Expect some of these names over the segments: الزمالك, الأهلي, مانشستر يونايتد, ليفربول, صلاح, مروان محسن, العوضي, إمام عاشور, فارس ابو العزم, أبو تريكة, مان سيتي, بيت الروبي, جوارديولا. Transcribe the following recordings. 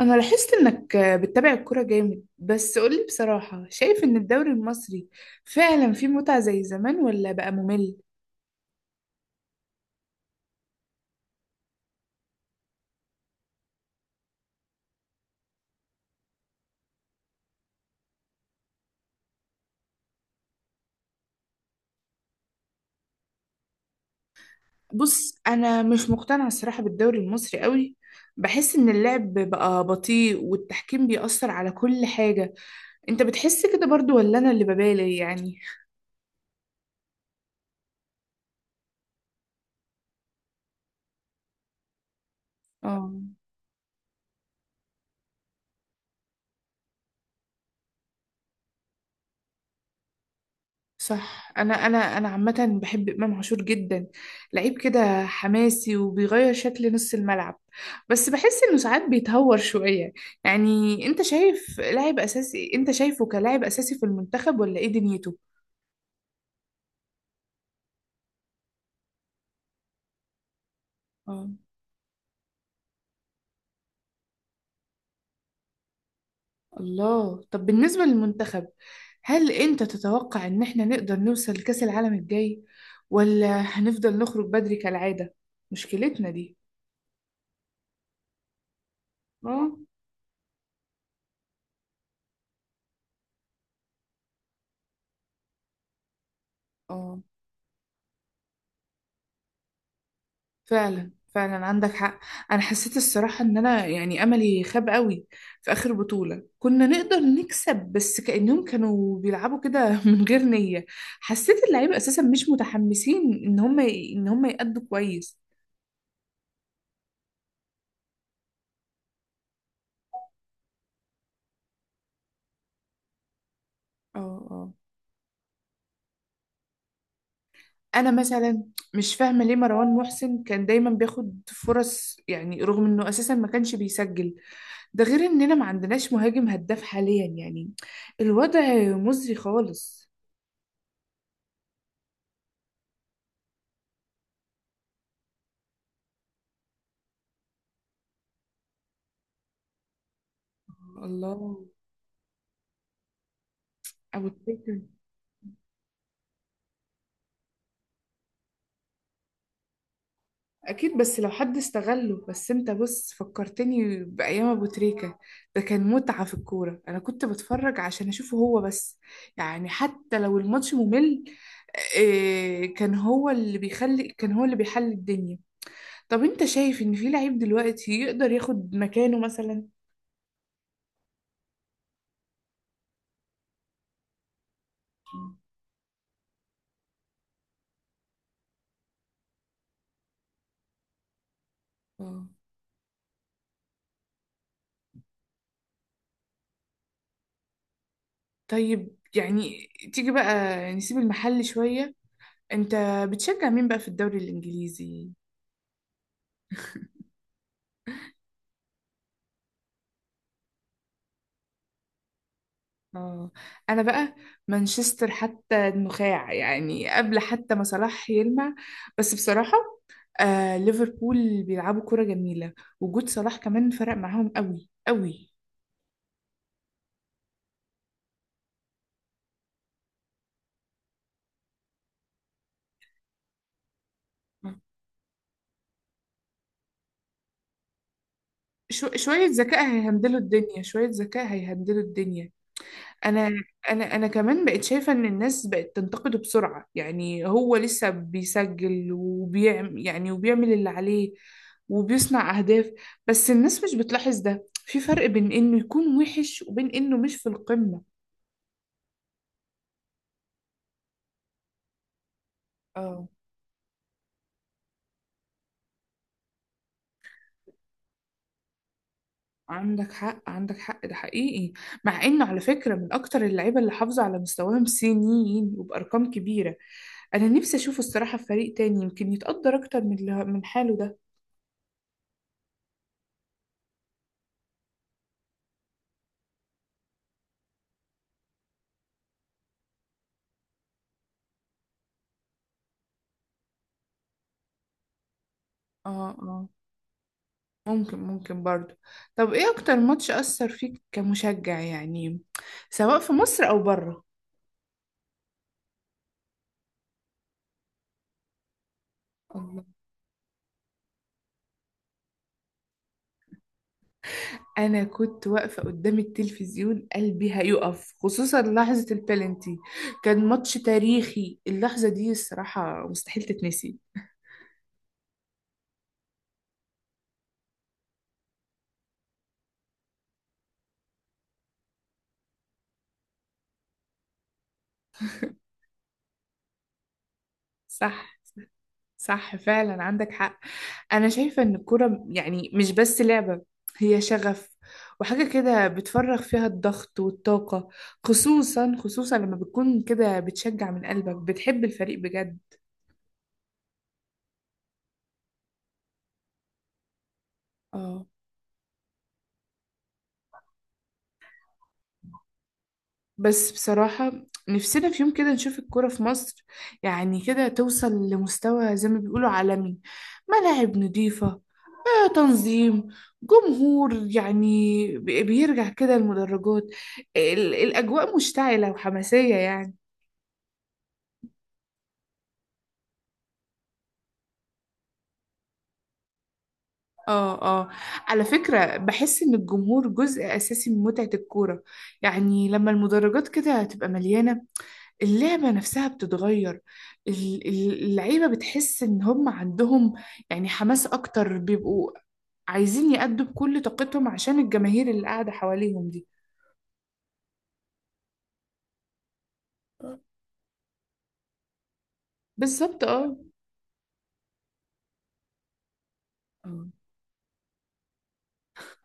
أنا لاحظت إنك بتتابع الكورة جامد، بس قولي بصراحة، شايف إن الدوري المصري فعلا فيه متعة زي زمان ولا بقى ممل؟ بص، أنا مش مقتنعة الصراحة بالدوري المصري قوي. بحس إن اللعب بقى بطيء والتحكيم بيأثر على كل حاجة. أنت بتحس كده برضو ولا أنا اللي ببالي يعني؟ آه، صح. انا عامه بحب امام عاشور جدا. لعيب كده حماسي وبيغير شكل نص الملعب، بس بحس انه ساعات بيتهور شويه. يعني انت شايف لاعب اساسي، انت شايفه كلاعب اساسي في المنتخب ولا ايه دنيته؟ اه، الله. طب بالنسبه للمنتخب، هل انت تتوقع ان احنا نقدر نوصل لكأس العالم الجاي ولا هنفضل نخرج بدري كالعاده؟ مشكلتنا دي. اه اه، فعلا فعلا عندك حق. انا حسيت الصراحة ان انا يعني املي خاب قوي في اخر بطولة. كنا نقدر نكسب بس كأنهم كانوا بيلعبوا كده من غير نية. حسيت اللعيبة اساسا مش متحمسين ان هم يأدوا كويس. اه اه. انا مثلا مش فاهمة ليه مروان محسن كان دايما بياخد فرص، يعني رغم انه اساسا ما كانش بيسجل. ده غير اننا ما عندناش مهاجم هداف حاليا، يعني الوضع مزري خالص. الله، ابو تريكة. اكيد، بس لو حد استغله. بس انت بص، فكرتني بايام ابو تريكة. ده كان متعة في الكورة. انا كنت بتفرج عشان اشوفه هو بس، يعني حتى لو الماتش ممل. إيه، كان هو اللي بيحل الدنيا. طب انت شايف ان في لعيب دلوقتي يقدر ياخد مكانه مثلا؟ اه. طيب يعني، تيجي بقى نسيب المحل شوية. انت بتشجع مين بقى في الدوري الانجليزي؟ اه. انا بقى مانشستر حتى النخاع، يعني قبل حتى ما صلاح يلمع. بس بصراحة آه، ليفربول بيلعبوا كرة جميلة. وجود صلاح كمان فرق معاهم قوي قوي. شوية ذكاء هيهندلوا الدنيا، شوية ذكاء هيهندلوا الدنيا. انا انا انا كمان بقت شايفه ان الناس بقت تنتقده بسرعه، يعني هو لسه بيسجل وبيعمل اللي عليه وبيصنع اهداف، بس الناس مش بتلاحظ ده. في فرق بين انه يكون وحش وبين انه مش في القمه. اه، عندك حق عندك حق، ده حقيقي. مع انه على فكره من اكتر اللعيبه اللي حافظوا على مستواهم سنين وبارقام كبيره. انا نفسي اشوفه الصراحه في فريق تاني يمكن يتقدر اكتر من حاله ده. اه اه. ممكن ممكن برضو. طب ايه اكتر ماتش اثر فيك كمشجع، يعني سواء في مصر او بره؟ الله. انا كنت واقفه قدام التلفزيون قلبي هيقف، خصوصا لحظه البلنتي. كان ماتش تاريخي. اللحظه دي الصراحه مستحيل تتنسي. صح صح، فعلا عندك حق. أنا شايفة إن الكورة يعني مش بس لعبة، هي شغف وحاجة كده بتفرغ فيها الضغط والطاقة. خصوصا خصوصا لما بتكون كده بتشجع من قلبك، بتحب الفريق بجد. اه. بس بصراحة نفسنا في يوم كده نشوف الكورة في مصر يعني كده توصل لمستوى زي ما بيقولوا عالمي. ملاعب نظيفة، آه، تنظيم، جمهور يعني بيرجع كده المدرجات، الأجواء مشتعلة وحماسية يعني. اه اه. على فكرة بحس ان الجمهور جزء اساسي من متعة الكورة. يعني لما المدرجات كده تبقى مليانة، اللعبة نفسها بتتغير. اللعيبة بتحس ان هم عندهم يعني حماس اكتر، بيبقوا عايزين يأدوا بكل طاقتهم عشان الجماهير اللي قاعدة حواليهم دي. بالظبط اه.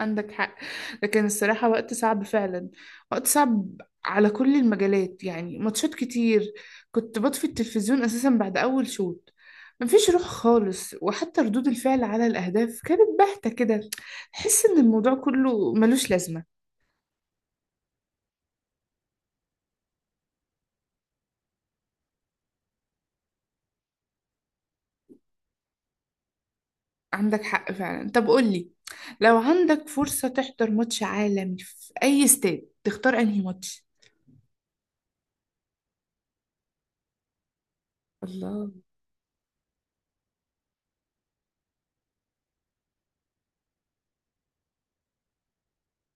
عندك حق، لكن الصراحة وقت صعب فعلا. وقت صعب على كل المجالات. يعني ماتشات كتير كنت بطفي التلفزيون أساسا بعد أول شوط. مفيش روح خالص، وحتى ردود الفعل على الأهداف كانت باهتة كده. تحس إن الموضوع كله ملوش لازمة. عندك حق فعلا. طب قولي، لو عندك فرصة تحضر ماتش عالمي في أي استاد تختار أنهي ماتش؟ الله.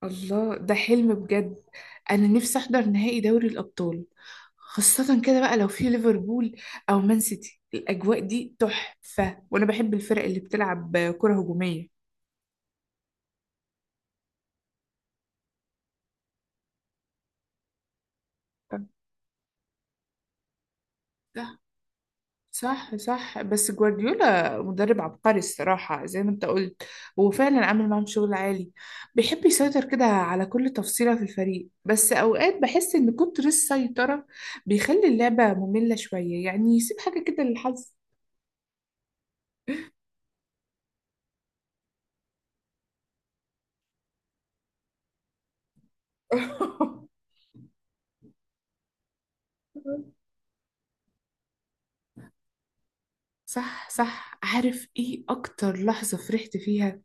الله، ده حلم بجد. انا نفسي احضر نهائي دوري الابطال، خاصة كده بقى لو في ليفربول او مان سيتي. الاجواء دي تحفة، وانا بحب الفرق اللي بتلعب كرة هجومية. صح. صح صح، بس جوارديولا مدرب عبقري الصراحة، زي ما انت قلت هو فعلا عامل معاهم شغل عالي. بيحب يسيطر كده على كل تفصيلة في الفريق، بس أوقات بحس إن كتر السيطرة بيخلي اللعبة مملة شوية، يعني يسيب حاجة كده للحظ. صح صح. عارف ايه اكتر لحظة فرحت فيها؟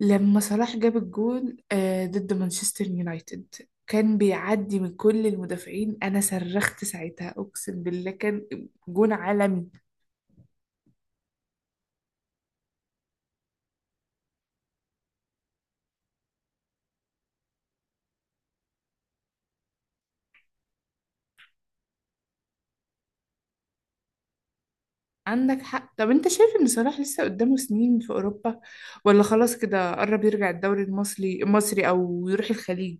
لما صلاح جاب الجول آه، ضد مانشستر يونايتد، كان بيعدي من كل المدافعين. انا صرخت ساعتها، اقسم بالله كان جون عالمي. عندك حق. طب انت شايف ان صلاح لسه قدامه سنين في اوروبا ولا خلاص كده قرب يرجع الدوري المصري المصري او يروح الخليج؟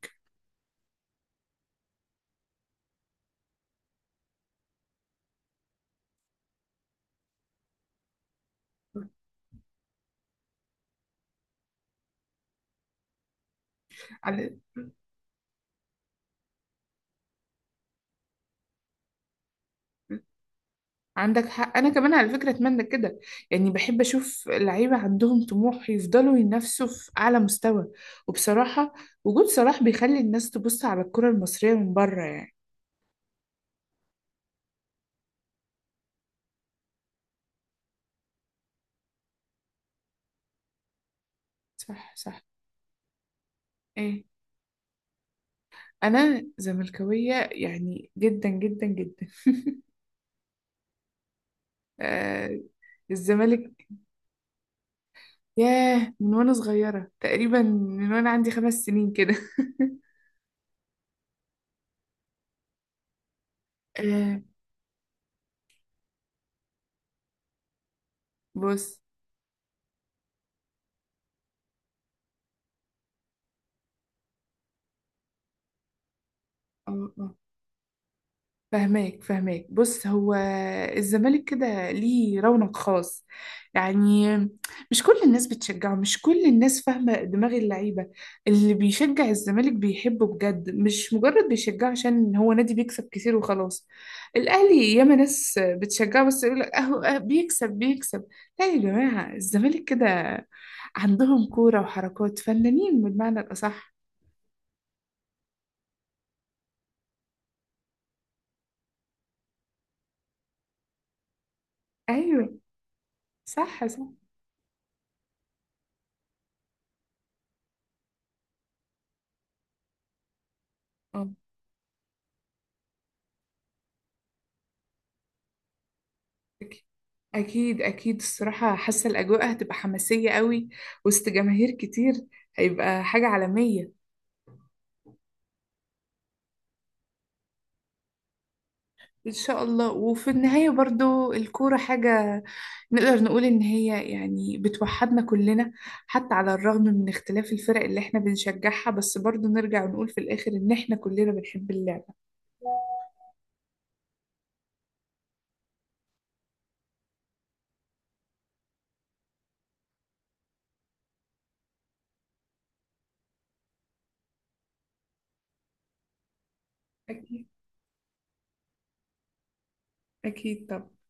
على. عندك حق. انا كمان على فكره اتمنى كده، يعني بحب اشوف لعيبه عندهم طموح يفضلوا ينافسوا في اعلى مستوى. وبصراحه وجود صلاح بيخلي الناس تبص على الكره المصريه من بره يعني. صح صح. ايه، انا زملكاويه يعني جدا جدا جدا. آه، الزمالك. ياه، من وانا صغيره، تقريبا من وانا عندي 5 سنين كده. آه، بص. اه، فهماك فهماك. بص، هو الزمالك كده ليه رونق خاص، يعني مش كل الناس بتشجعه، مش كل الناس فاهمة دماغ اللعيبة. اللي بيشجع الزمالك بيحبه بجد، مش مجرد بيشجعه عشان هو نادي بيكسب كتير وخلاص. الأهلي ياما ناس بتشجعه، بس يقول لك أهو أه بيكسب بيكسب. لا يا جماعة، الزمالك كده عندهم كورة وحركات فنانين بالمعنى الأصح. أيوه، صح صح. آه. أكيد. أكيد أكيد، الصراحة حاسة الأجواء هتبقى حماسية قوي وسط جماهير كتير. هيبقى حاجة عالمية. إن شاء الله. وفي النهاية برضو الكورة حاجة نقدر نقول إن هي يعني بتوحدنا كلنا، حتى على الرغم من اختلاف الفرق اللي إحنا بنشجعها، بس برضو نرجع ونقول في الآخر إن إحنا كلنا بنحب اللعبة. أكيد أكيد طبعا.